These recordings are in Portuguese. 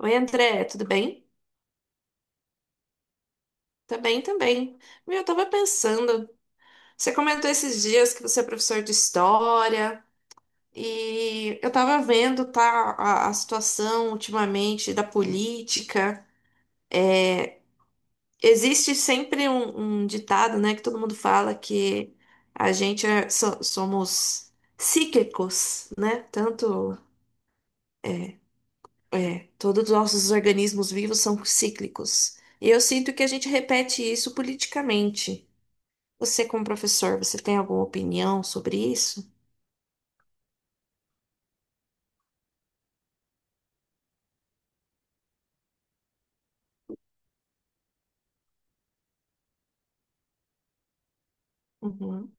Oi, André, tudo bem? Tá bem também. Meu, eu tava pensando, você comentou esses dias que você é professor de história e eu tava vendo, tá, a situação ultimamente da política. Existe sempre um ditado, né, que todo mundo fala que a gente é- so- somos cíclicos, né? Tanto, todos os nossos organismos vivos são cíclicos. E eu sinto que a gente repete isso politicamente. Você, como professor, você tem alguma opinião sobre isso? Uhum.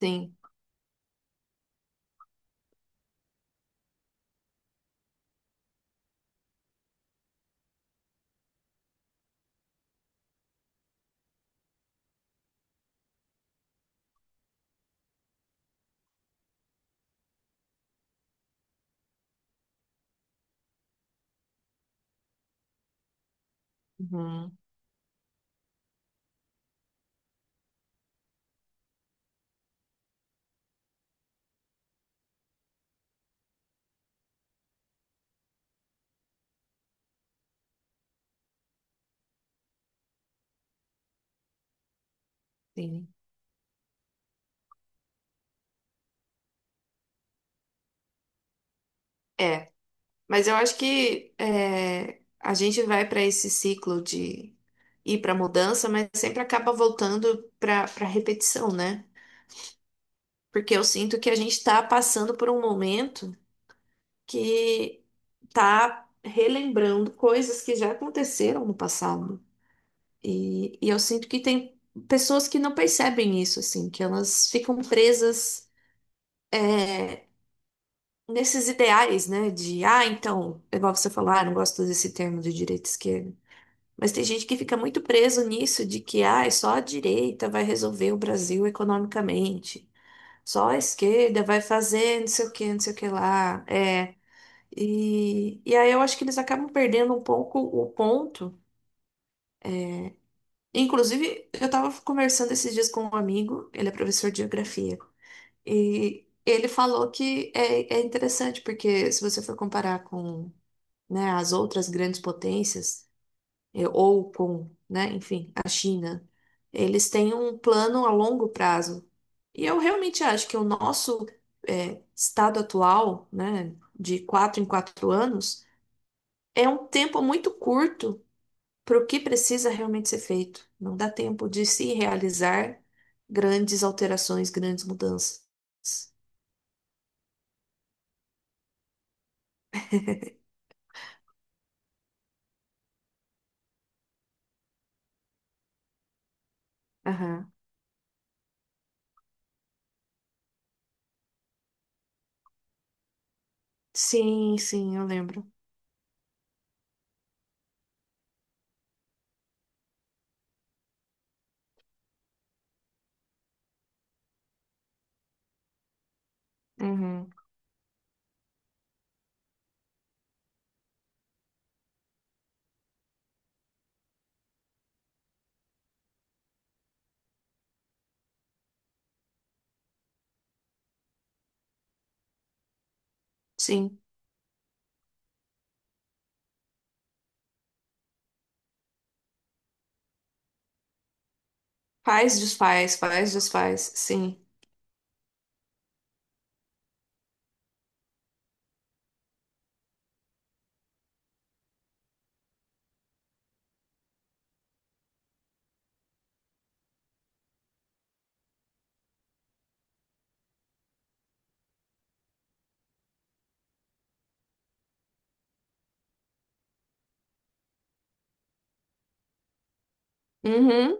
Sim. Uhum. Sim. É, mas eu acho que a gente vai para esse ciclo de ir para mudança, mas sempre acaba voltando para repetição, né? Porque eu sinto que a gente está passando por um momento que tá relembrando coisas que já aconteceram no passado. E eu sinto que tem pessoas que não percebem isso, assim, que elas ficam presas, é, nesses ideais, né? De, ah, então, é igual você falou, ah, eu não gosto desse termo de direita e esquerda. Mas tem gente que fica muito preso nisso, de que, ah, é só a direita vai resolver o Brasil economicamente. Só a esquerda vai fazer não sei o que, não sei o que lá. É, e aí eu acho que eles acabam perdendo um pouco o ponto. Inclusive, eu estava conversando esses dias com um amigo, ele é professor de geografia, e ele falou que é interessante, porque se você for comparar com, né, as outras grandes potências, ou com, né, enfim, a China, eles têm um plano a longo prazo. E eu realmente acho que o nosso, estado atual, né, de quatro em quatro anos, é um tempo muito curto para o que precisa realmente ser feito. Não dá tempo de se realizar grandes alterações, grandes mudanças. Aham. Sim, sim, eu lembro. Uhum. Sim. Faz, desfaz, faz, desfaz. Sim. Uhum.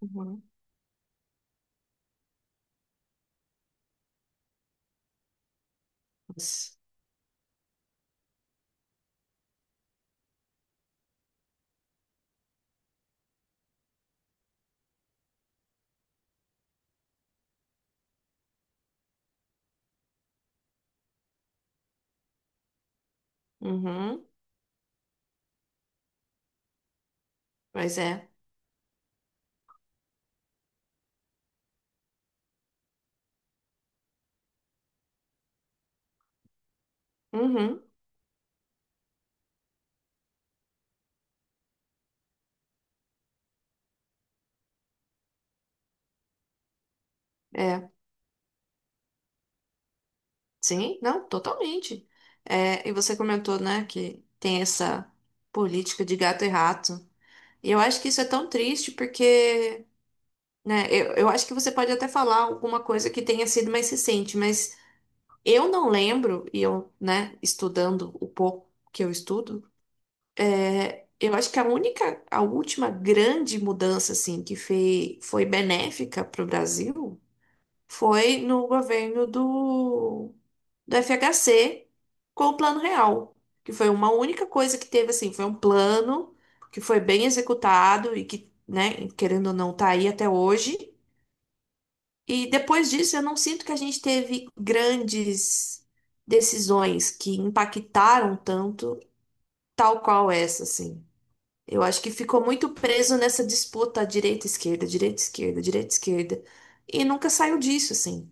Uhum. Mas- Uhum. Pois é. Uhum. É. Sim, não, totalmente. É, e você comentou, né, que tem essa política de gato e rato. E eu acho que isso é tão triste porque, né? Eu acho que você pode até falar alguma coisa que tenha sido mais recente, mas eu não lembro, e eu, né, estudando o pouco que eu estudo, eu acho que a única, a última grande mudança, assim, que foi, foi benéfica para o Brasil foi no governo do FHC com o Plano Real, que foi uma única coisa que teve, assim, foi um plano que foi bem executado e que, né, querendo ou não, tá aí até hoje. E depois disso, eu não sinto que a gente teve grandes decisões que impactaram tanto, tal qual essa, assim. Eu acho que ficou muito preso nessa disputa direita-esquerda, direita-esquerda, direita-esquerda. E nunca saiu disso, assim.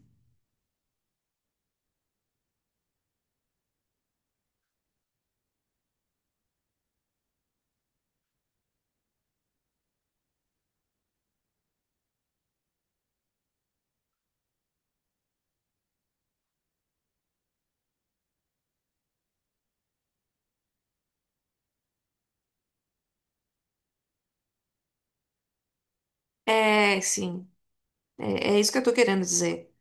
É, sim. É, é isso que eu tô querendo dizer.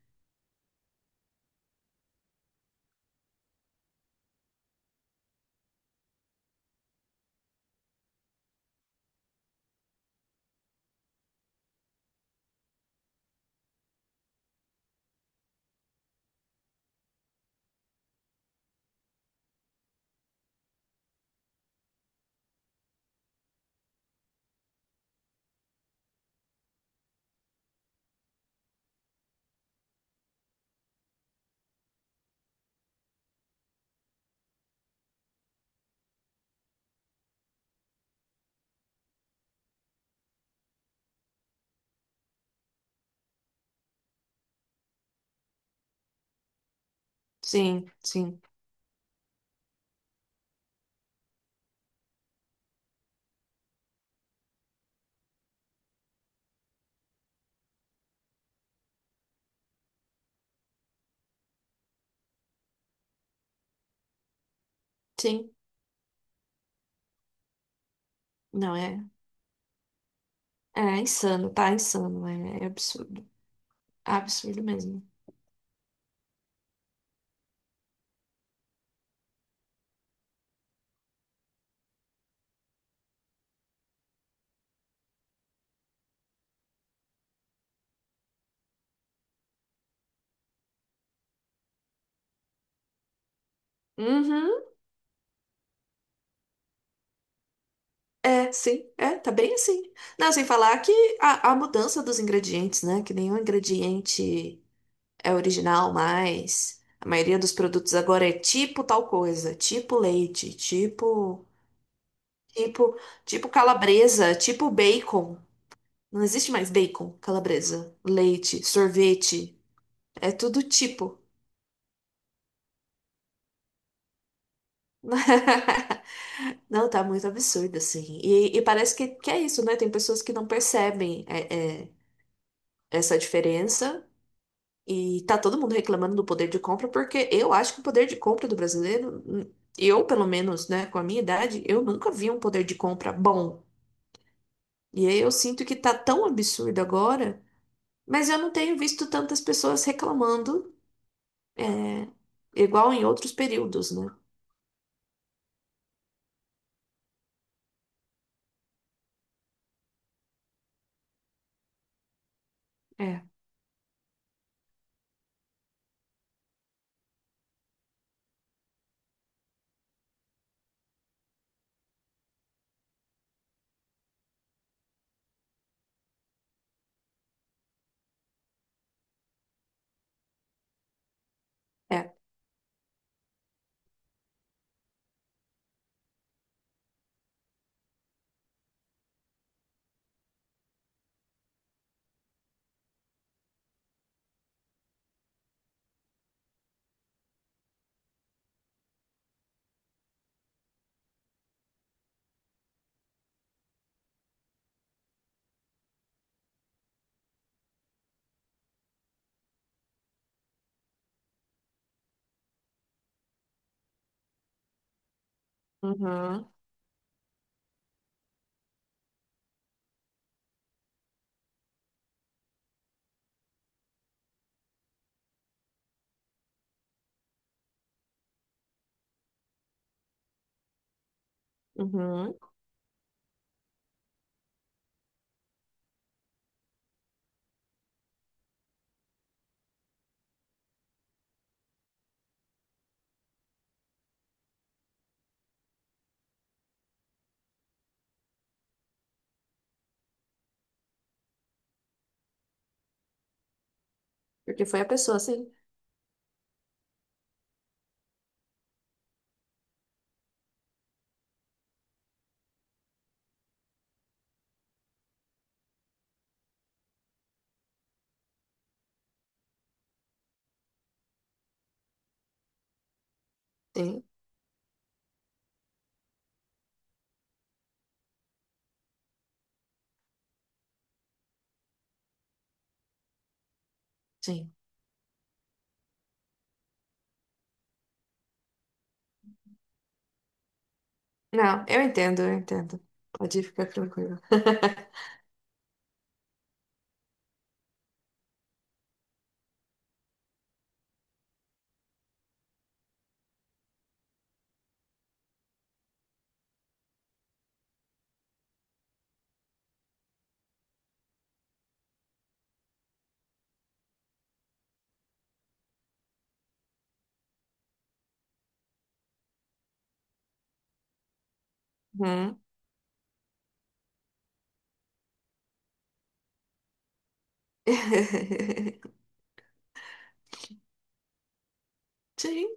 Sim, sim, sim. Não, é, é insano, tá insano. É, é absurdo, absurdo mesmo. Uhum. É, sim, é, tá bem assim. Não, sem falar que a mudança dos ingredientes, né? Que nenhum ingrediente é original mais. A maioria dos produtos agora é tipo tal coisa, tipo leite, tipo, tipo, tipo calabresa, tipo bacon. Não existe mais bacon, calabresa, leite, sorvete, é tudo tipo. Não, tá muito absurdo, assim. E parece que é isso, né? Tem pessoas que não percebem essa diferença. E tá todo mundo reclamando do poder de compra, porque eu acho que o poder de compra do brasileiro, eu pelo menos, né, com a minha idade, eu nunca vi um poder de compra bom. E aí eu sinto que tá tão absurdo agora, mas eu não tenho visto tantas pessoas reclamando, igual em outros períodos, né? É, é. Uhum, uhum. Porque foi a pessoa, sim. Sim, sim. Não, eu entendo, eu entendo. Pode ficar tranquilo. Uhum. Sim.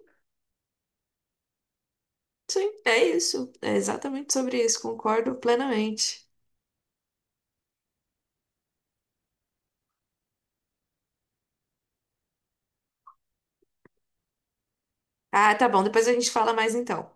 Sim, é isso. É exatamente sobre isso, concordo plenamente. Ah, tá bom, depois a gente fala mais então.